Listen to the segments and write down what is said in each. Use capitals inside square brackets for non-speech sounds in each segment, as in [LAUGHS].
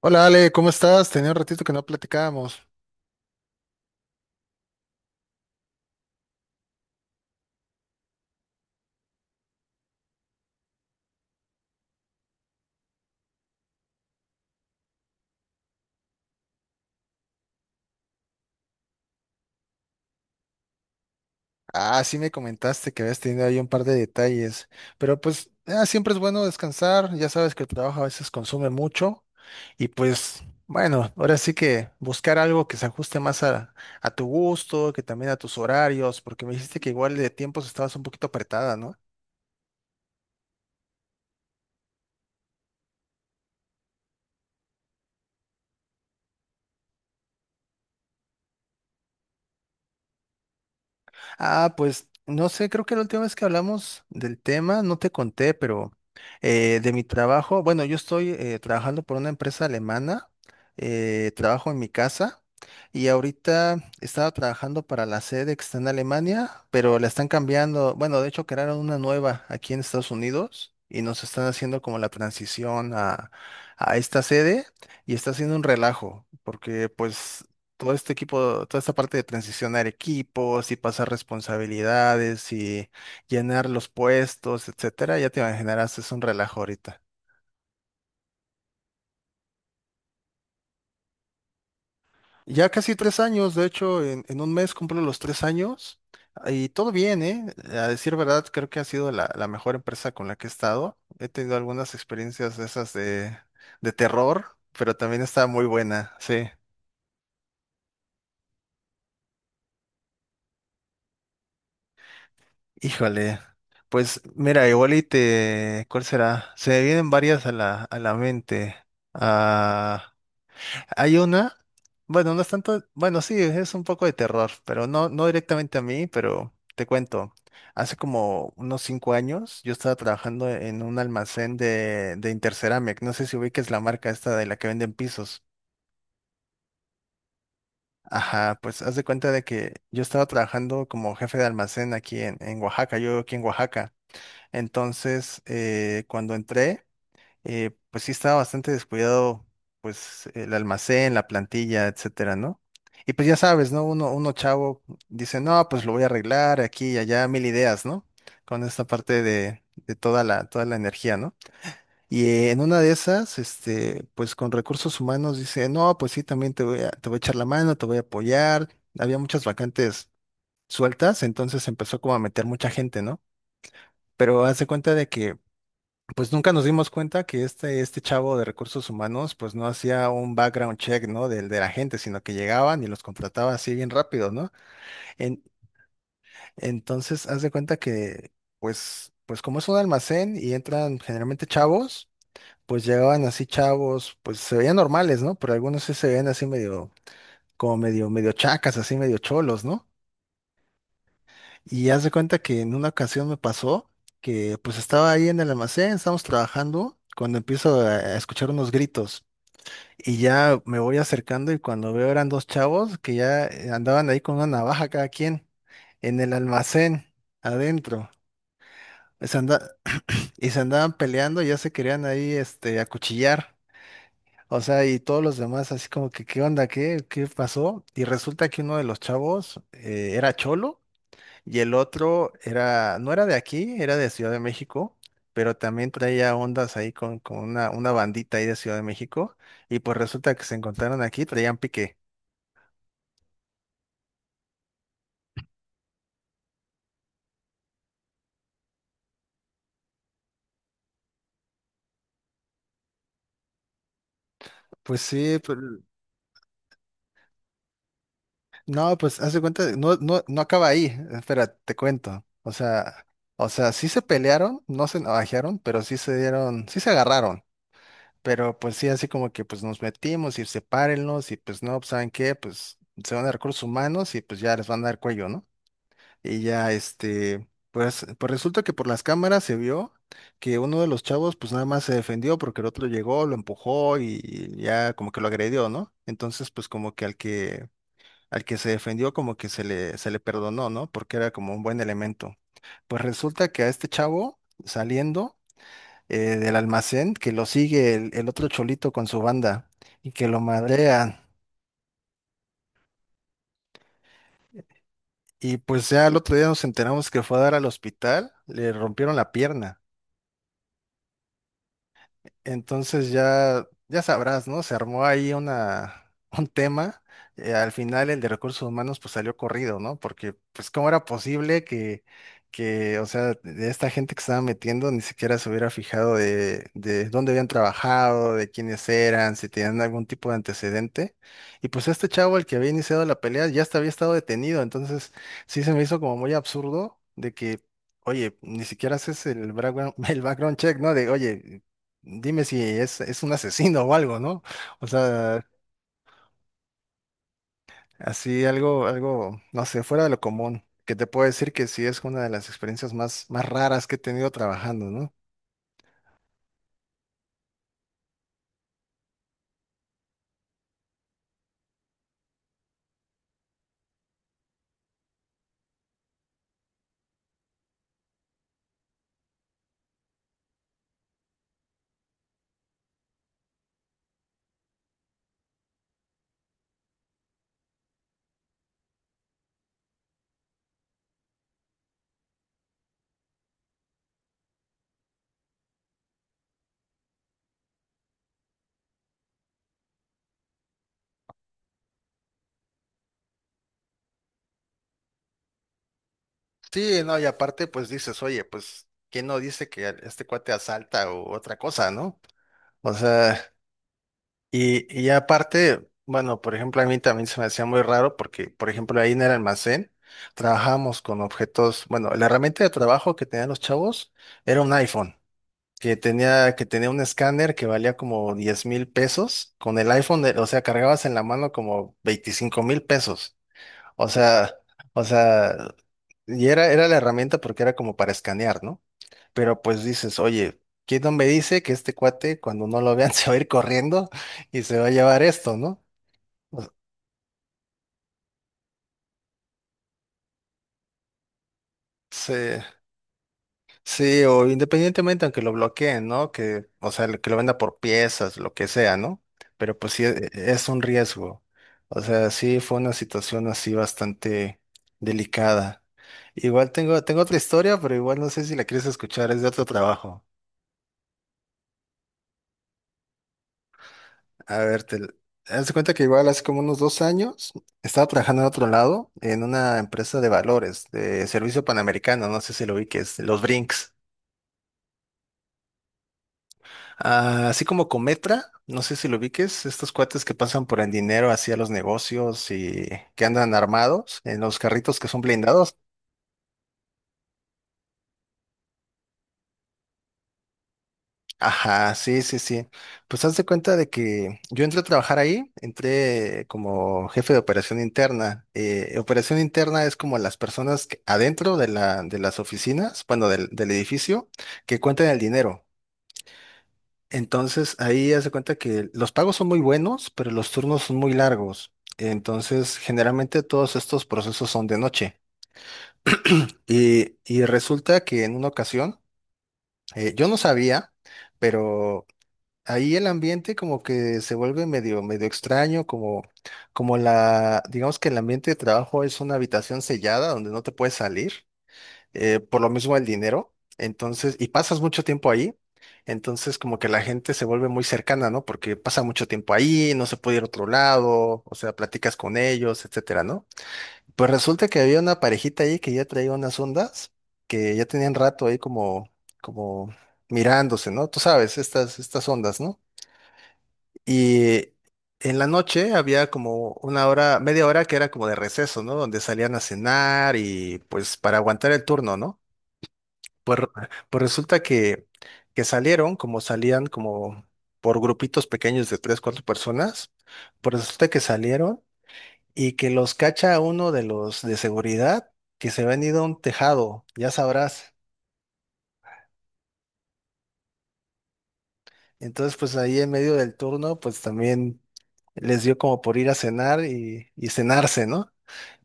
Hola Ale, ¿cómo estás? Tenía un ratito que no platicábamos. Ah, sí me comentaste que habías tenido ahí un par de detalles, pero pues siempre es bueno descansar, ya sabes que el trabajo a veces consume mucho y pues bueno, ahora sí que buscar algo que se ajuste más a tu gusto, que también a tus horarios, porque me dijiste que igual de tiempos estabas un poquito apretada, ¿no? Ah, pues no sé, creo que la última vez que hablamos del tema, no te conté, pero de mi trabajo, bueno, yo estoy trabajando por una empresa alemana, trabajo en mi casa y ahorita estaba trabajando para la sede que está en Alemania, pero la están cambiando, bueno, de hecho crearon una nueva aquí en Estados Unidos y nos están haciendo como la transición a esta sede y está haciendo un relajo, porque pues todo este equipo, toda esta parte de transicionar equipos y pasar responsabilidades y llenar los puestos, etcétera, ya te imaginarás, es un relajo ahorita. Ya casi 3 años, de hecho, en un mes cumplo los 3 años y todo bien, ¿eh? A decir verdad, creo que ha sido la mejor empresa con la que he estado. He tenido algunas experiencias de esas de terror, pero también está muy buena, sí. Híjole, pues mira, ¿cuál será? Se me vienen varias a la mente. Ah, hay una, bueno, no es tanto, bueno, sí, es un poco de terror, pero no, no directamente a mí, pero te cuento. Hace como unos 5 años yo estaba trabajando en un almacén de Interceramic. No sé si ubiques la marca esta de la que venden pisos. Ajá, pues haz de cuenta de que yo estaba trabajando como jefe de almacén aquí en Oaxaca, yo vivo aquí en Oaxaca. Entonces, cuando entré, pues sí estaba bastante descuidado, pues el almacén, la plantilla, etcétera, ¿no? Y pues ya sabes, ¿no? Uno chavo dice, no, pues lo voy a arreglar aquí y allá, mil ideas, ¿no? Con esta parte de toda la energía, ¿no? Y en una de esas, este, pues con recursos humanos dice, no, pues sí, también te voy a echar la mano, te voy a apoyar. Había muchas vacantes sueltas, entonces empezó como a meter mucha gente, ¿no? Pero hace cuenta de que pues nunca nos dimos cuenta que este chavo de recursos humanos pues no hacía un background check, ¿no? Del de la gente, sino que llegaban y los contrataba así bien rápido, ¿no? En- entonces, haz de cuenta que pues como es un almacén y entran generalmente chavos, pues llegaban así chavos, pues se veían normales, ¿no? Pero algunos sí se veían así medio, como medio, medio chacas, así medio cholos, ¿no? Y haz de cuenta que en una ocasión me pasó que pues estaba ahí en el almacén, estábamos trabajando, cuando empiezo a escuchar unos gritos. Y ya me voy acercando y cuando veo eran dos chavos que ya andaban ahí con una navaja cada quien en el almacén adentro. Se anda- [CLEARS THROAT] y se andaban peleando, ya se querían ahí este, acuchillar. O sea, y todos los demás así como que, ¿qué onda? ¿Qué pasó? Y resulta que uno de los chavos era cholo y el otro era, no era de aquí, era de Ciudad de México, pero también traía ondas ahí con una bandita ahí de Ciudad de México. Y pues resulta que se encontraron aquí, traían pique. Pues sí, pero- no, pues haz de cuenta, no, no, no acaba ahí, espera, te cuento. O sea, sí se pelearon, no se navajearon, pero sí se dieron, sí se agarraron. Pero pues sí, así como que pues nos metimos y sepárenlos y pues no, pues, ¿saben qué? Pues se van a recursos humanos y pues ya les van a dar cuello, ¿no? Y ya este, pues, pues resulta que por las cámaras se vio que uno de los chavos pues nada más se defendió porque el otro llegó, lo empujó y ya como que lo agredió, ¿no? Entonces pues como que al que se defendió como que se le perdonó, ¿no? Porque era como un buen elemento. Pues resulta que a este chavo saliendo del almacén, que lo sigue el otro cholito con su banda y que lo madrean. Y pues ya al otro día nos enteramos que fue a dar al hospital, le rompieron la pierna. Entonces ya, ya sabrás, ¿no? Se armó ahí una, [LAUGHS] un tema. Al final el de recursos humanos pues salió corrido, ¿no? Porque pues cómo era posible que o sea, de esta gente que estaba metiendo ni siquiera se hubiera fijado de dónde habían trabajado, de quiénes eran, si tenían algún tipo de antecedente. Y pues este chavo, el que había iniciado la pelea, ya hasta había estado detenido. Entonces sí se me hizo como muy absurdo de que... Oye, ni siquiera haces el background, [LAUGHS] el background check, ¿no? De, oye, dime si es, es un asesino o algo, ¿no? O sea, así algo, algo, no sé, fuera de lo común, que te puedo decir que sí es una de las experiencias más, más raras que he tenido trabajando, ¿no? Sí, no, y aparte, pues dices, oye, pues, ¿quién no dice que este cuate asalta o otra cosa, ¿no? O sea, y aparte, bueno, por ejemplo, a mí también se me hacía muy raro porque, por ejemplo, ahí en el almacén trabajábamos con objetos, bueno, la herramienta de trabajo que tenían los chavos era un iPhone. Que tenía un escáner que valía como 10,000 pesos, con el iPhone, de- o sea, cargabas en la mano como 25,000 pesos. O sea, o sea, y era, era la herramienta porque era como para escanear, ¿no? Pero pues dices, oye, ¿quién no me dice que este cuate, cuando no lo vean, [LAUGHS] se va a ir corriendo y se va a llevar esto, ¿no? O- Sí. Sí, o independientemente, aunque lo bloqueen, ¿no? Que, o sea, que lo venda por piezas, lo que sea, ¿no? Pero pues sí, es un riesgo. O sea, sí fue una situación así bastante delicada. Igual tengo otra historia, pero igual no sé si la quieres escuchar, es de otro trabajo. A ver, te, haz de cuenta que igual hace como unos 2 años estaba trabajando en otro lado, en una empresa de valores, de servicio panamericano, no sé si lo vi, que es los Brinks. Ah, así como Cometra, no sé si lo ubiques, estos cuates que pasan por el dinero hacia los negocios y que andan armados en los carritos que son blindados. Ajá, sí, sí, sí. Pues haz de cuenta de que yo entré a trabajar ahí, entré como jefe de operación interna. Operación interna es como las personas que- adentro de la, de las oficinas, bueno, del, del edificio, que cuentan el dinero. Entonces ahí haz de cuenta que los pagos son muy buenos, pero los turnos son muy largos. Entonces generalmente todos estos procesos son de noche. Y resulta que en una ocasión, yo no sabía, pero ahí el ambiente como que se vuelve medio, medio extraño, como la, digamos que el ambiente de trabajo es una habitación sellada donde no te puedes salir por lo mismo el dinero, entonces, y pasas mucho tiempo ahí, entonces como que la gente se vuelve muy cercana, ¿no? Porque pasa mucho tiempo ahí, no se puede ir a otro lado, o sea, platicas con ellos, etcétera, ¿no? Pues resulta que había una parejita ahí que ya traía unas ondas, que ya tenían rato ahí como, como mirándose, ¿no? Tú sabes, estas ondas, ¿no? Y en la noche había como una hora, media hora que era como de receso, ¿no? Donde salían a cenar y pues para aguantar el turno, ¿no? Pues, re- pues resulta que salieron, como salían como por grupitos pequeños de tres, cuatro personas, pues resulta que salieron y que los cacha uno de los de seguridad que se habían ido a un tejado, ya sabrás. Entonces, pues ahí en medio del turno, pues también les dio como por ir a cenar y cenarse, ¿no?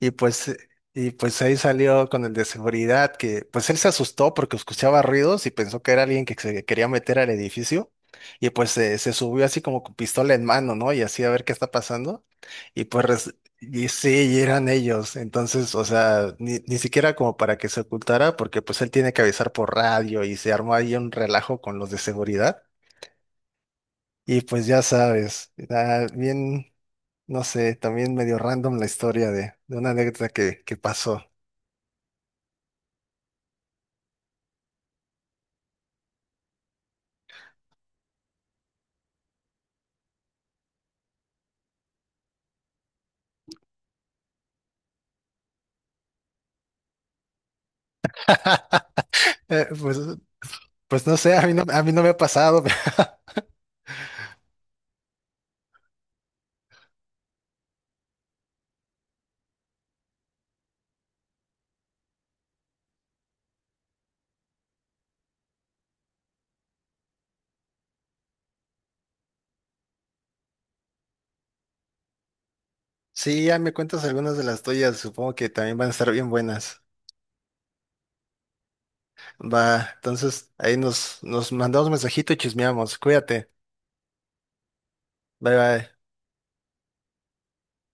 Y pues, eh, y pues ahí salió con el de seguridad, que pues él se asustó porque escuchaba ruidos y pensó que era alguien que se quería meter al edificio. Y pues se subió así como con pistola en mano, ¿no? Y así a ver qué está pasando. Y pues, y sí, y eran ellos. Entonces, o sea, ni siquiera como para que se ocultara, porque pues él tiene que avisar por radio y se armó ahí un relajo con los de seguridad. Y pues ya sabes, era bien, no sé, también medio random la historia de una anécdota que pasó. [LAUGHS] Pues, pues no sé, a mí no me ha pasado. [LAUGHS] Sí, ya me cuentas algunas de las tuyas, supongo que también van a estar bien buenas. Va, entonces ahí nos mandamos mensajito y chismeamos. Cuídate. Bye bye.